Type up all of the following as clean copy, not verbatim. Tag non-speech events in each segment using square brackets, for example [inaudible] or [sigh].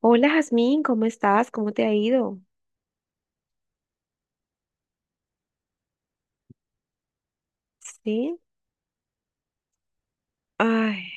Hola Jazmín, ¿cómo estás? ¿Cómo te ha ido? ¿Sí? Ay,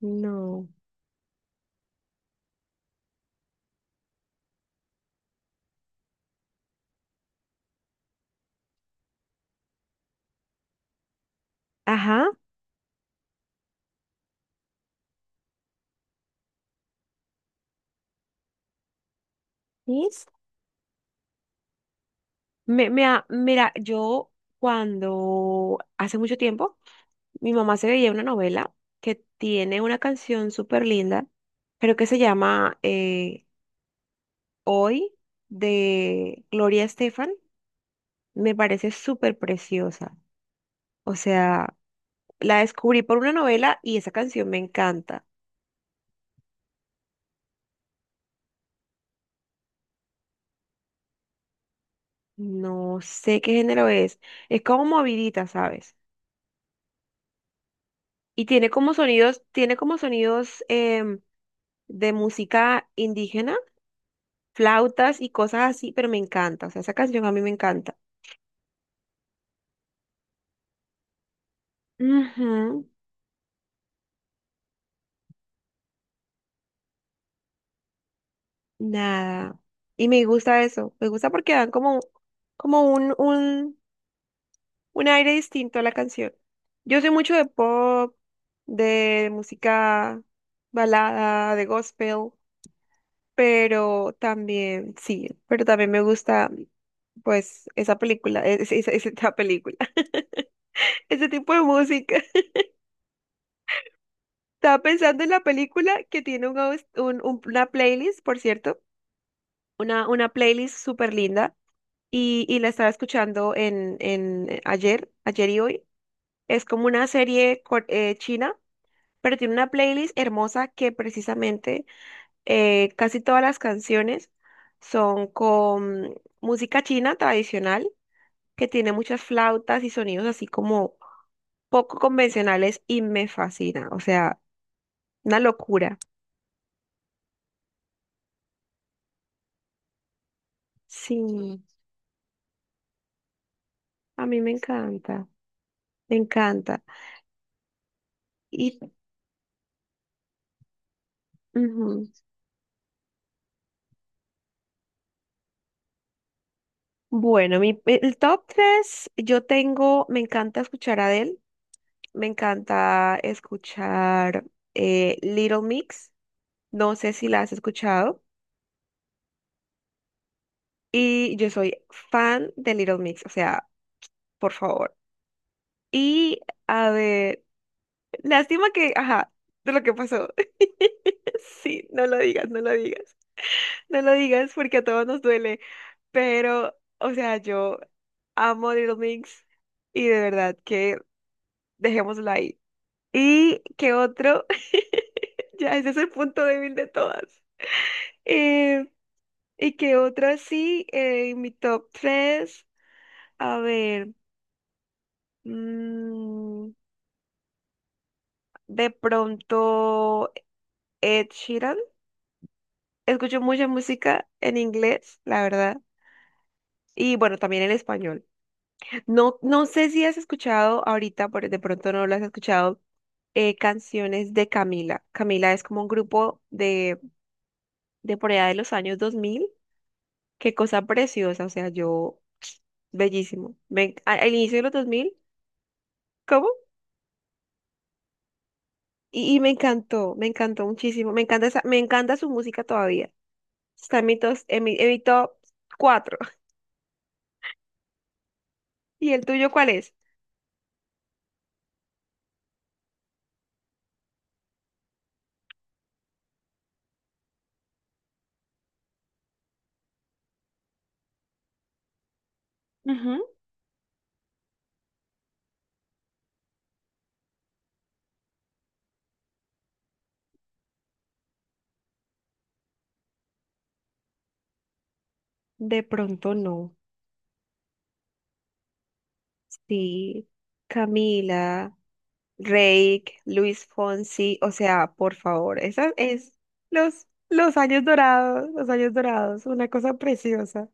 no. Ajá, ¿sí? Mira, yo cuando hace mucho tiempo, mi mamá se veía una novela que tiene una canción súper linda, creo que se llama Hoy de Gloria Estefan. Me parece súper preciosa. O sea, la descubrí por una novela y esa canción me encanta. No sé qué género es. Es como movidita, ¿sabes? Y tiene como sonidos em, de música indígena, flautas y cosas así, pero me encanta. O sea, esa canción a mí me encanta. Ujú, nada. Y me gusta eso. Me gusta porque dan como un aire distinto a la canción. Yo soy mucho de pop, de música balada, de gospel. Pero también, sí, pero también me gusta, pues, esa película, esa película, [laughs] ese tipo de música. [laughs] Estaba pensando en la película que tiene un, aus- un- una playlist, por cierto, una playlist súper linda, y la estaba escuchando en ayer y hoy. Es como una serie china, pero tiene una playlist hermosa que precisamente casi todas las canciones son con música china tradicional que tiene muchas flautas y sonidos así como poco convencionales y me fascina, o sea, una locura. Sí, a mí me encanta, me encanta. Y ujú. Bueno, el top 3, yo tengo, me encanta escuchar a Adele, me encanta escuchar Little Mix, no sé si la has escuchado, y yo soy fan de Little Mix, o sea, por favor. Y a ver, lástima que, ajá, de lo que pasó. [laughs] Sí, no lo digas, no lo digas. No lo digas porque a todos nos duele. Pero, o sea, yo amo Little Mix y de verdad que dejémoslo ahí. ¿Y qué otro? [laughs] Ya, ese es el punto débil de todas. Eh, ¿Y qué otro así? En mi top 3, a ver, mm, de pronto Ed Sheeran. Escucho mucha música en inglés, la verdad. Y bueno, también en español. No, no sé si has escuchado ahorita, por de pronto no lo has escuchado, canciones de Camila. Camila es como un grupo de por allá de los años 2000. Qué cosa preciosa, o sea, bellísimo. Al inicio de los 2000. ¿Cómo? Y me encantó muchísimo. Me encanta me encanta su música todavía. Está en mi, tos- en mi top 4. [laughs] ¿Y el tuyo cuál es? Ujú. De pronto no. Sí, Camila, Reik, Luis Fonsi, o sea, por favor, esa es los años dorados, los años dorados, una cosa preciosa.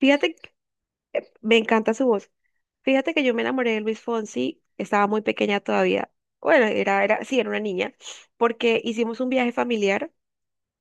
Fíjate, me encanta su voz. Fíjate que yo me enamoré de Luis Fonsi, estaba muy pequeña todavía. Bueno, sí, era una niña, porque hicimos un viaje familiar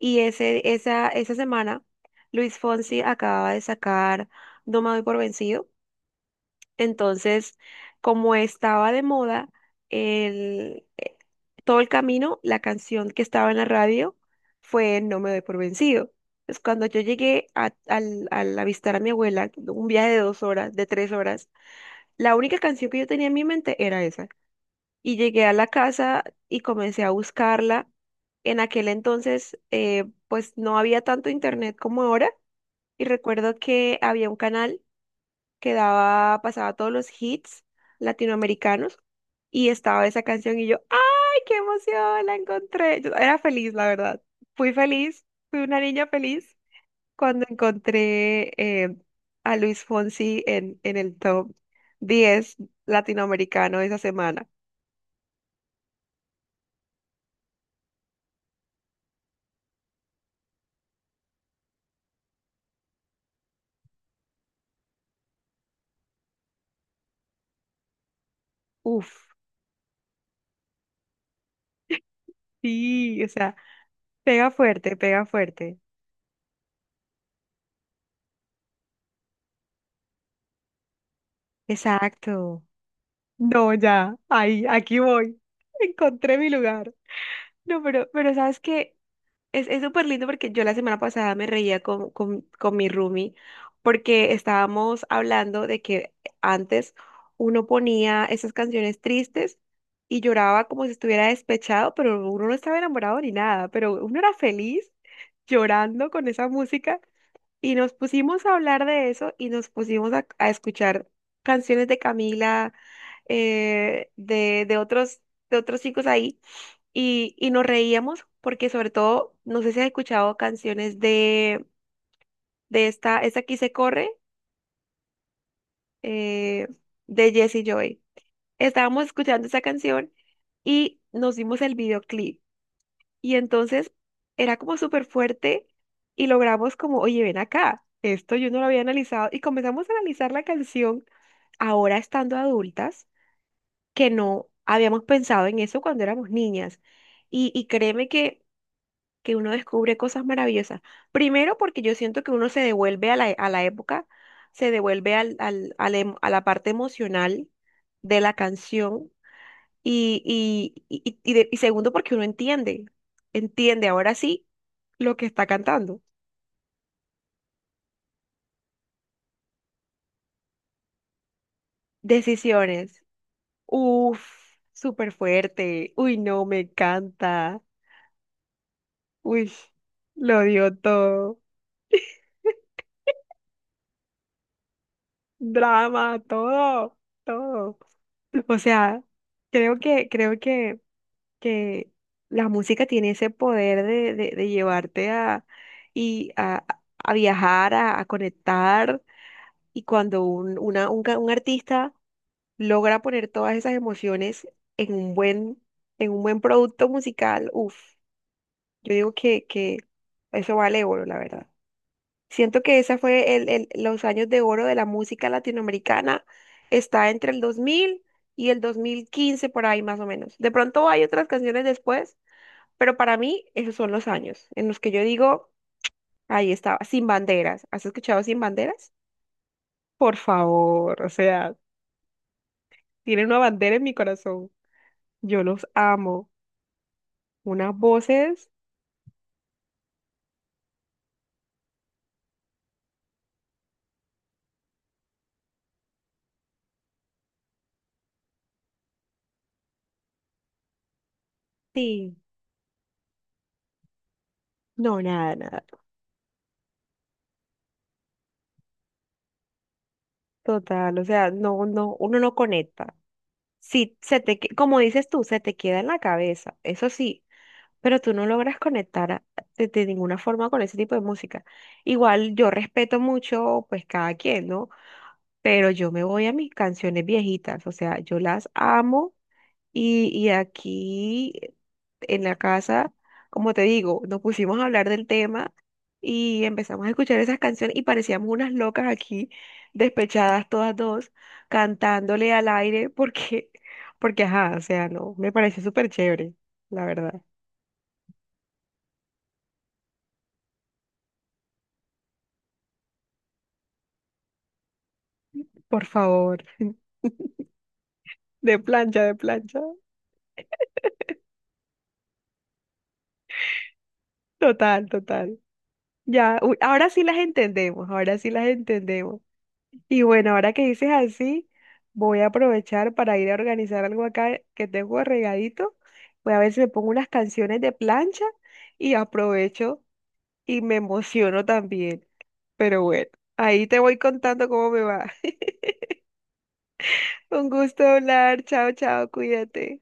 y esa semana Luis Fonsi acababa de sacar No me doy por vencido. Entonces, como estaba de moda el, eh, todo el camino, la canción que estaba en la radio fue No me doy por vencido. Entonces, cuando yo llegué al avistar a mi abuela, un viaje de 2 horas, de 3 horas, la única canción que yo tenía en mi mente era esa. Y llegué a la casa y comencé a buscarla. En aquel entonces, pues no había tanto internet como ahora. Y recuerdo que había un canal que daba, pasaba todos los hits latinoamericanos y estaba esa canción y yo, ¡ay, qué emoción! La encontré. Yo era feliz, la verdad. Fui feliz, fui una niña feliz cuando encontré a Luis Fonsi en el top 10 latinoamericano esa semana. Uf, sí, o sea, pega fuerte, pega fuerte. Exacto. No, ya, ahí, aquí voy. Encontré mi lugar. No, pero ¿sabes qué? Es súper lindo porque yo la semana pasada me reía con mi roomie porque estábamos hablando de que antes uno ponía esas canciones tristes y lloraba como si estuviera despechado, pero uno no estaba enamorado ni nada, pero uno era feliz llorando con esa música y nos pusimos a hablar de eso y nos pusimos a escuchar canciones de Camila, de otros chicos ahí y nos reíamos porque sobre todo, no sé si has escuchado canciones de esta aquí se corre, eh, de Jesse Joy. Estábamos escuchando esa canción y nos dimos el videoclip. Y entonces era como súper fuerte y logramos como, oye, ven acá, esto yo no lo había analizado y comenzamos a analizar la canción ahora estando adultas, que no habíamos pensado en eso cuando éramos niñas. Y créeme que uno descubre cosas maravillosas. Primero porque yo siento que uno se devuelve a la época, se devuelve a la parte emocional de la canción y segundo porque uno entiende, entiende ahora sí lo que está cantando. Decisiones. Uf, súper fuerte. Uy, no, me encanta. Uy, lo dio todo. Drama, todo, todo. O sea, creo que la música tiene ese poder de llevarte y a, a viajar, a conectar. Y cuando un, una- un, ca- un artista logra poner todas esas emociones en un buen producto musical, uff, yo digo que eso vale oro, la verdad. Siento que esa fue los años de oro de la música latinoamericana. Está entre el 2000 y el 2015 por ahí más o menos. De pronto hay otras canciones después pero para mí, esos son los años en los que yo digo, ahí estaba, sin banderas. ¿Has escuchado sin banderas? Por favor, o sea, tienen una bandera en mi corazón. Yo los amo. Unas voces, sí. No, nada, nada. Total, o sea, no, no, uno no conecta. Sí, como dices tú, se te queda en la cabeza, eso sí, pero tú no logras conectar de ninguna forma con ese tipo de música. Igual yo respeto mucho, pues cada quien, ¿no? Pero yo me voy a mis canciones viejitas, o sea, yo las amo y aquí en la casa, como te digo, nos pusimos a hablar del tema y empezamos a escuchar esas canciones y parecíamos unas locas aquí, despechadas todas dos, cantándole al aire porque, [laughs] porque ajá, o sea, no, me pareció súper chévere, la verdad. Por favor, de plancha, de plancha. Total, total. Ya, uy, ahora sí las entendemos, ahora sí las entendemos. Y bueno, ahora que dices así, voy a aprovechar para ir a organizar algo acá que tengo regadito. Voy a ver si me pongo unas canciones de plancha y aprovecho y me emociono también. Pero bueno, ahí te voy contando cómo me va. [laughs] Un gusto hablar. Chao, chao, cuídate.